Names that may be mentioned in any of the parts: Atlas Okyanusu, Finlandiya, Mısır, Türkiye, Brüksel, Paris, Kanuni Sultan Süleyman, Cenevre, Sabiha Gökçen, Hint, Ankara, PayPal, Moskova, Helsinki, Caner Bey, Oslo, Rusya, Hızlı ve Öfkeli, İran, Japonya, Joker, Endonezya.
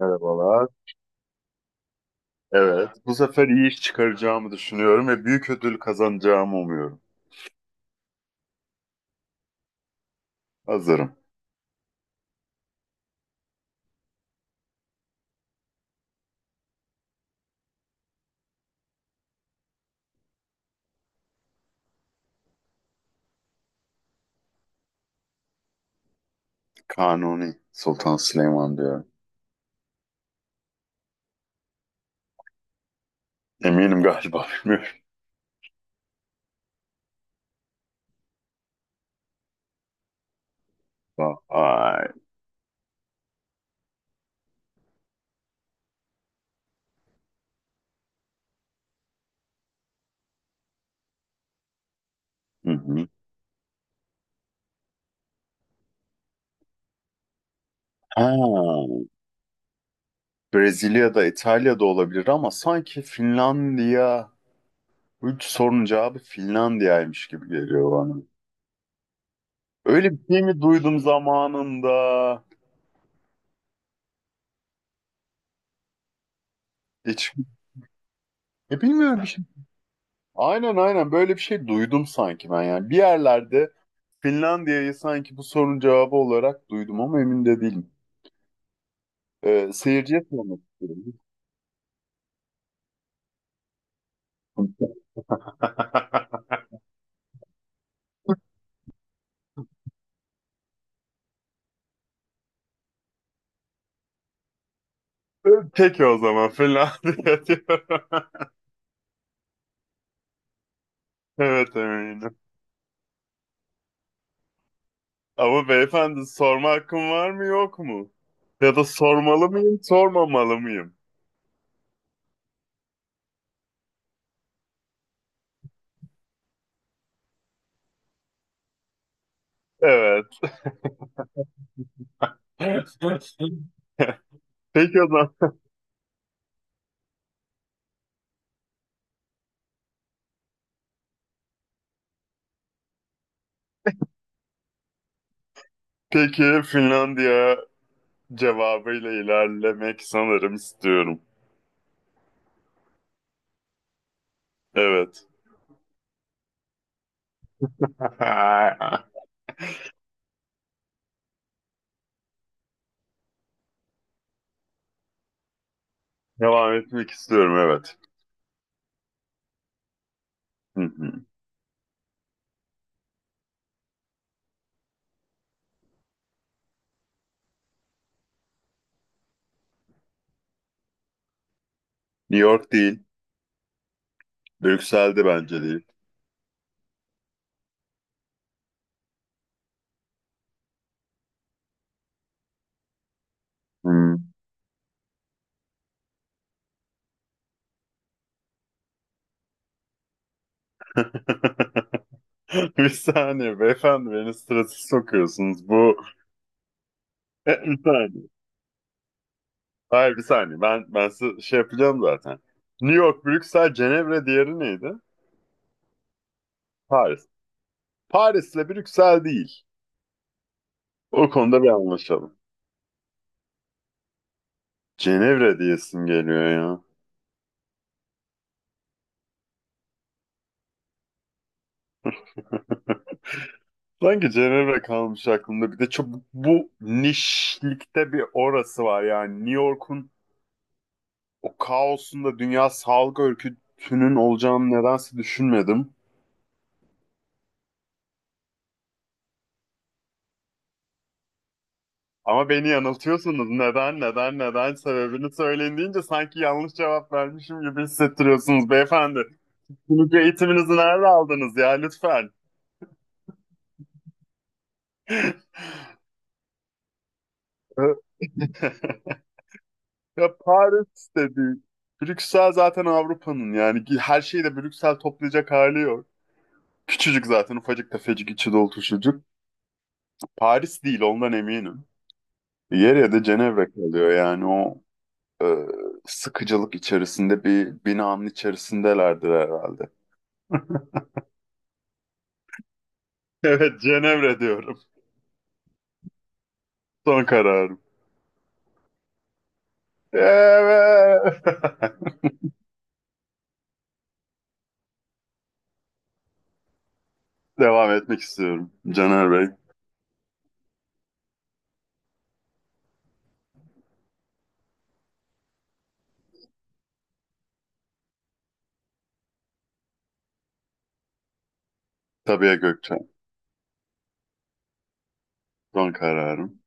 Merhabalar. Evet, bu sefer iyi iş çıkaracağımı düşünüyorum ve büyük ödül kazanacağımı umuyorum. Hazırım. Kanuni Sultan Süleyman diyorum. Eminim galiba, bilmiyorum. Vay. Hı hı. Ha, Brezilya'da, İtalya'da olabilir ama sanki Finlandiya, bu üç sorunun cevabı Finlandiya'ymış gibi geliyor bana. Öyle bir şey mi duydum zamanında? Hiç, bilmiyorum. Aynen aynen böyle bir şey duydum sanki ben, yani. Bir yerlerde Finlandiya'yı sanki bu sorunun cevabı olarak duydum ama emin de değilim. Seyirciye sormak istiyorum. Peki o zaman Finlandiya diyorum. Evet, eminim. Ama beyefendi, sorma hakkım var mı yok mu? Ya da sormalı mıyım, sormamalı mıyım? Evet. Peki o zaman. Peki Finlandiya cevabıyla ilerlemek sanırım istiyorum. Evet. Devam etmek istiyorum, evet. Hı hı. New York değil. Brüksel'de bence değil. Hı. Bir saniye beyefendi, beni strese sokuyorsunuz. Bu bir saniye. Hayır, bir saniye. Ben size şey yapacağım zaten. New York, Brüksel, Cenevre, diğeri neydi? Paris. Paris'le Brüksel değil. O konuda bir anlaşalım. Cenevre diyesim geliyor ya. Sanki Cenevre kalmış aklımda. Bir de çok bu nişlikte bir orası var yani. New York'un, o kaosun da Dünya Sağlık Örgütü'nün olacağını nedense düşünmedim. Ama beni yanıltıyorsunuz. Neden, neden, neden sebebini söyleyin deyince sanki yanlış cevap vermişim gibi hissettiriyorsunuz beyefendi. Sunucu eğitiminizi nerede aldınız ya, lütfen? Ya Paris dedi. Brüksel zaten Avrupa'nın, yani her şeyi de Brüksel toplayacak hali yok. Küçücük zaten, ufacık tefecik içi dolu çocuk. Paris değil, ondan eminim. Yer ya da Cenevre kalıyor yani, o e, sıkıcılık içerisinde bir binanın içerisindelerdir herhalde. Evet, Cenevre diyorum. Son kararım. Evet. Devam etmek istiyorum. Caner Bey, Sabiha Gökçen. Son kararım.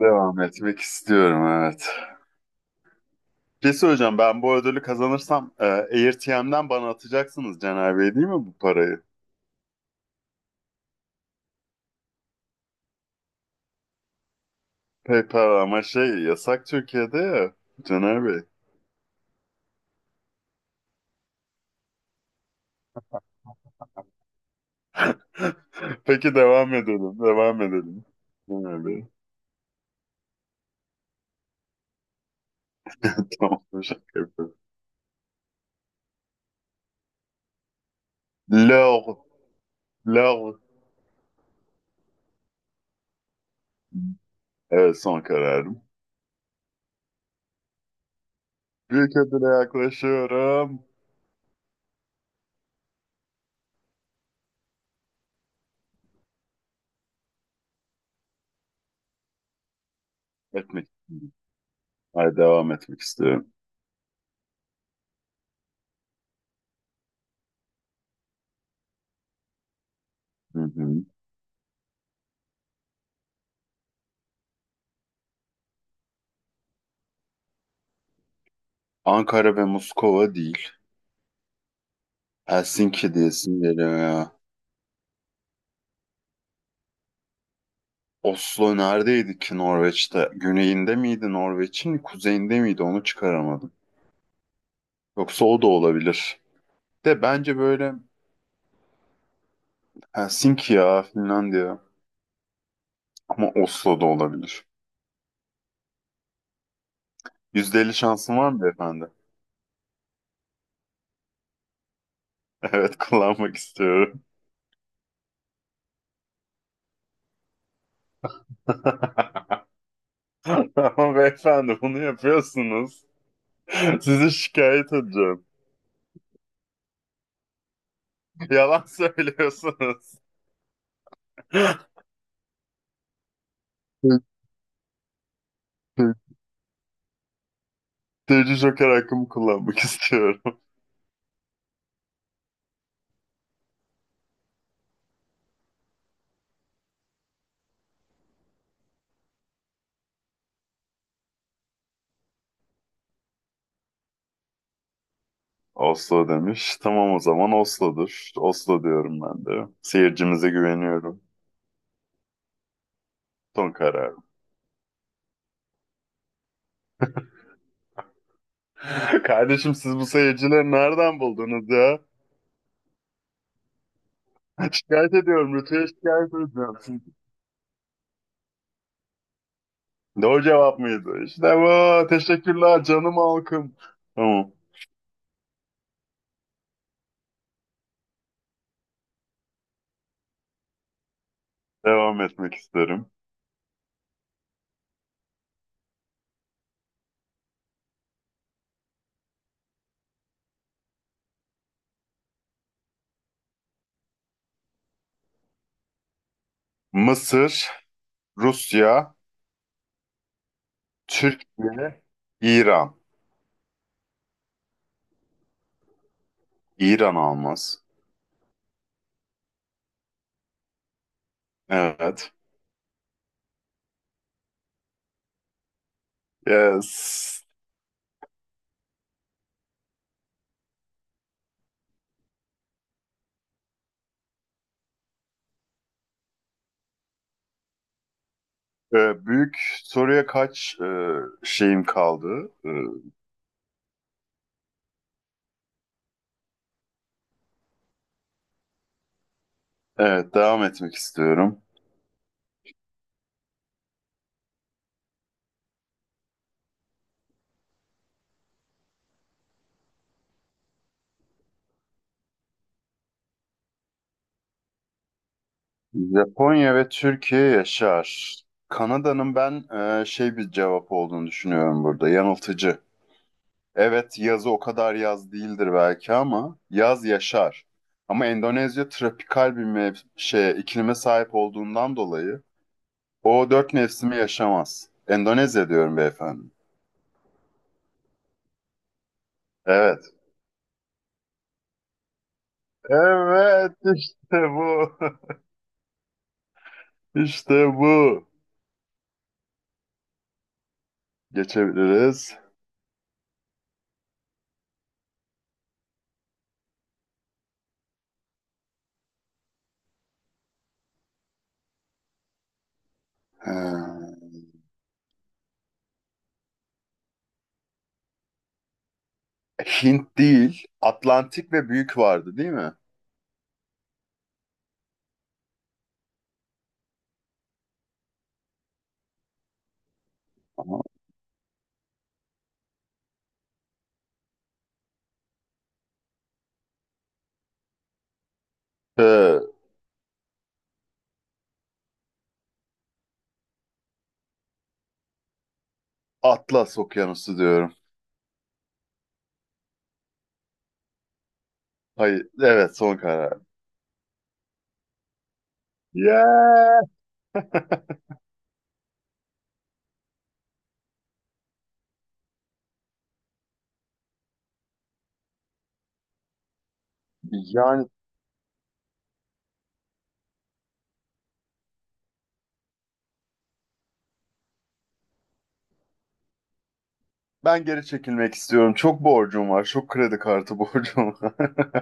Devam etmek istiyorum, evet. Bir şey söyleyeceğim, ben bu ödülü kazanırsam AirTM'den bana atacaksınız Caner Bey, değil mi, bu parayı? PayPal ama şey yasak Türkiye'de ya, Caner Bey. Peki, devam edelim, devam edelim. Caner Bey. Tamam, bir şaka yapıyorum. Lor, lor. Evet, son kararım. Büyük ödüle yaklaşıyorum. Etmek. İstiyorum. Hayır, devam etmek istiyorum. Hı hı. Ankara ve Moskova değil. Helsinki diyesim geliyor ya. Oslo neredeydi ki, Norveç'te? Güneyinde miydi Norveç'in, kuzeyinde miydi? Onu çıkaramadım. Yoksa o da olabilir. De bence böyle Helsinki ya, Finlandiya. Ama Oslo da olabilir. %50 şansın var mı beyefendi? Evet, kullanmak istiyorum. Ama beyefendi, bunu yapıyorsunuz. Sizi şikayet edeceğim. Yalan söylüyorsunuz. Joker hakkımı kullanmak istiyorum. Oslo demiş. Tamam, o zaman Oslo'dur. Oslo diyorum ben de. Seyircimize güveniyorum. Son kararım. Kardeşim, siz bu seyircileri nereden buldunuz ya? Şikayet ediyorum. Rütü'ye şikayet edeceğim, sizi. Doğru cevap mıydı? İşte bu. Teşekkürler canım halkım. Tamam. Devam etmek isterim. Mısır, Rusya, Türkiye, İran. İran almaz. Evet. Yes. Büyük soruya kaç şeyim kaldı? Evet, devam etmek istiyorum. Japonya ve Türkiye yaşar. Kanada'nın ben şey bir cevap olduğunu düşünüyorum burada. Yanıltıcı. Evet, yazı o kadar yaz değildir belki ama yaz yaşar. Ama Endonezya tropikal bir şeye, iklime sahip olduğundan dolayı o dört mevsimi yaşamaz. Endonezya diyorum beyefendi. Evet. Evet, işte bu. İşte bu. Geçebiliriz. Ee, Hint değil, Atlantik ve büyük vardı, değil mi? Ama, ee, Atlas Okyanusu diyorum. Hayır, evet, son karar. Yeah! Yani ben geri çekilmek istiyorum. Çok borcum var. Çok kredi kartı borcum var.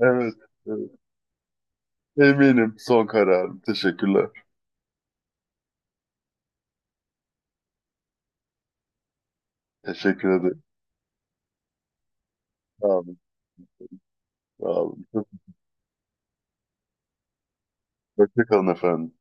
Evet, evet. Eminim, son kararım. Teşekkürler. Teşekkür ederim. Sağ olun. Sağ olun. Çok hoşça kalın efendim.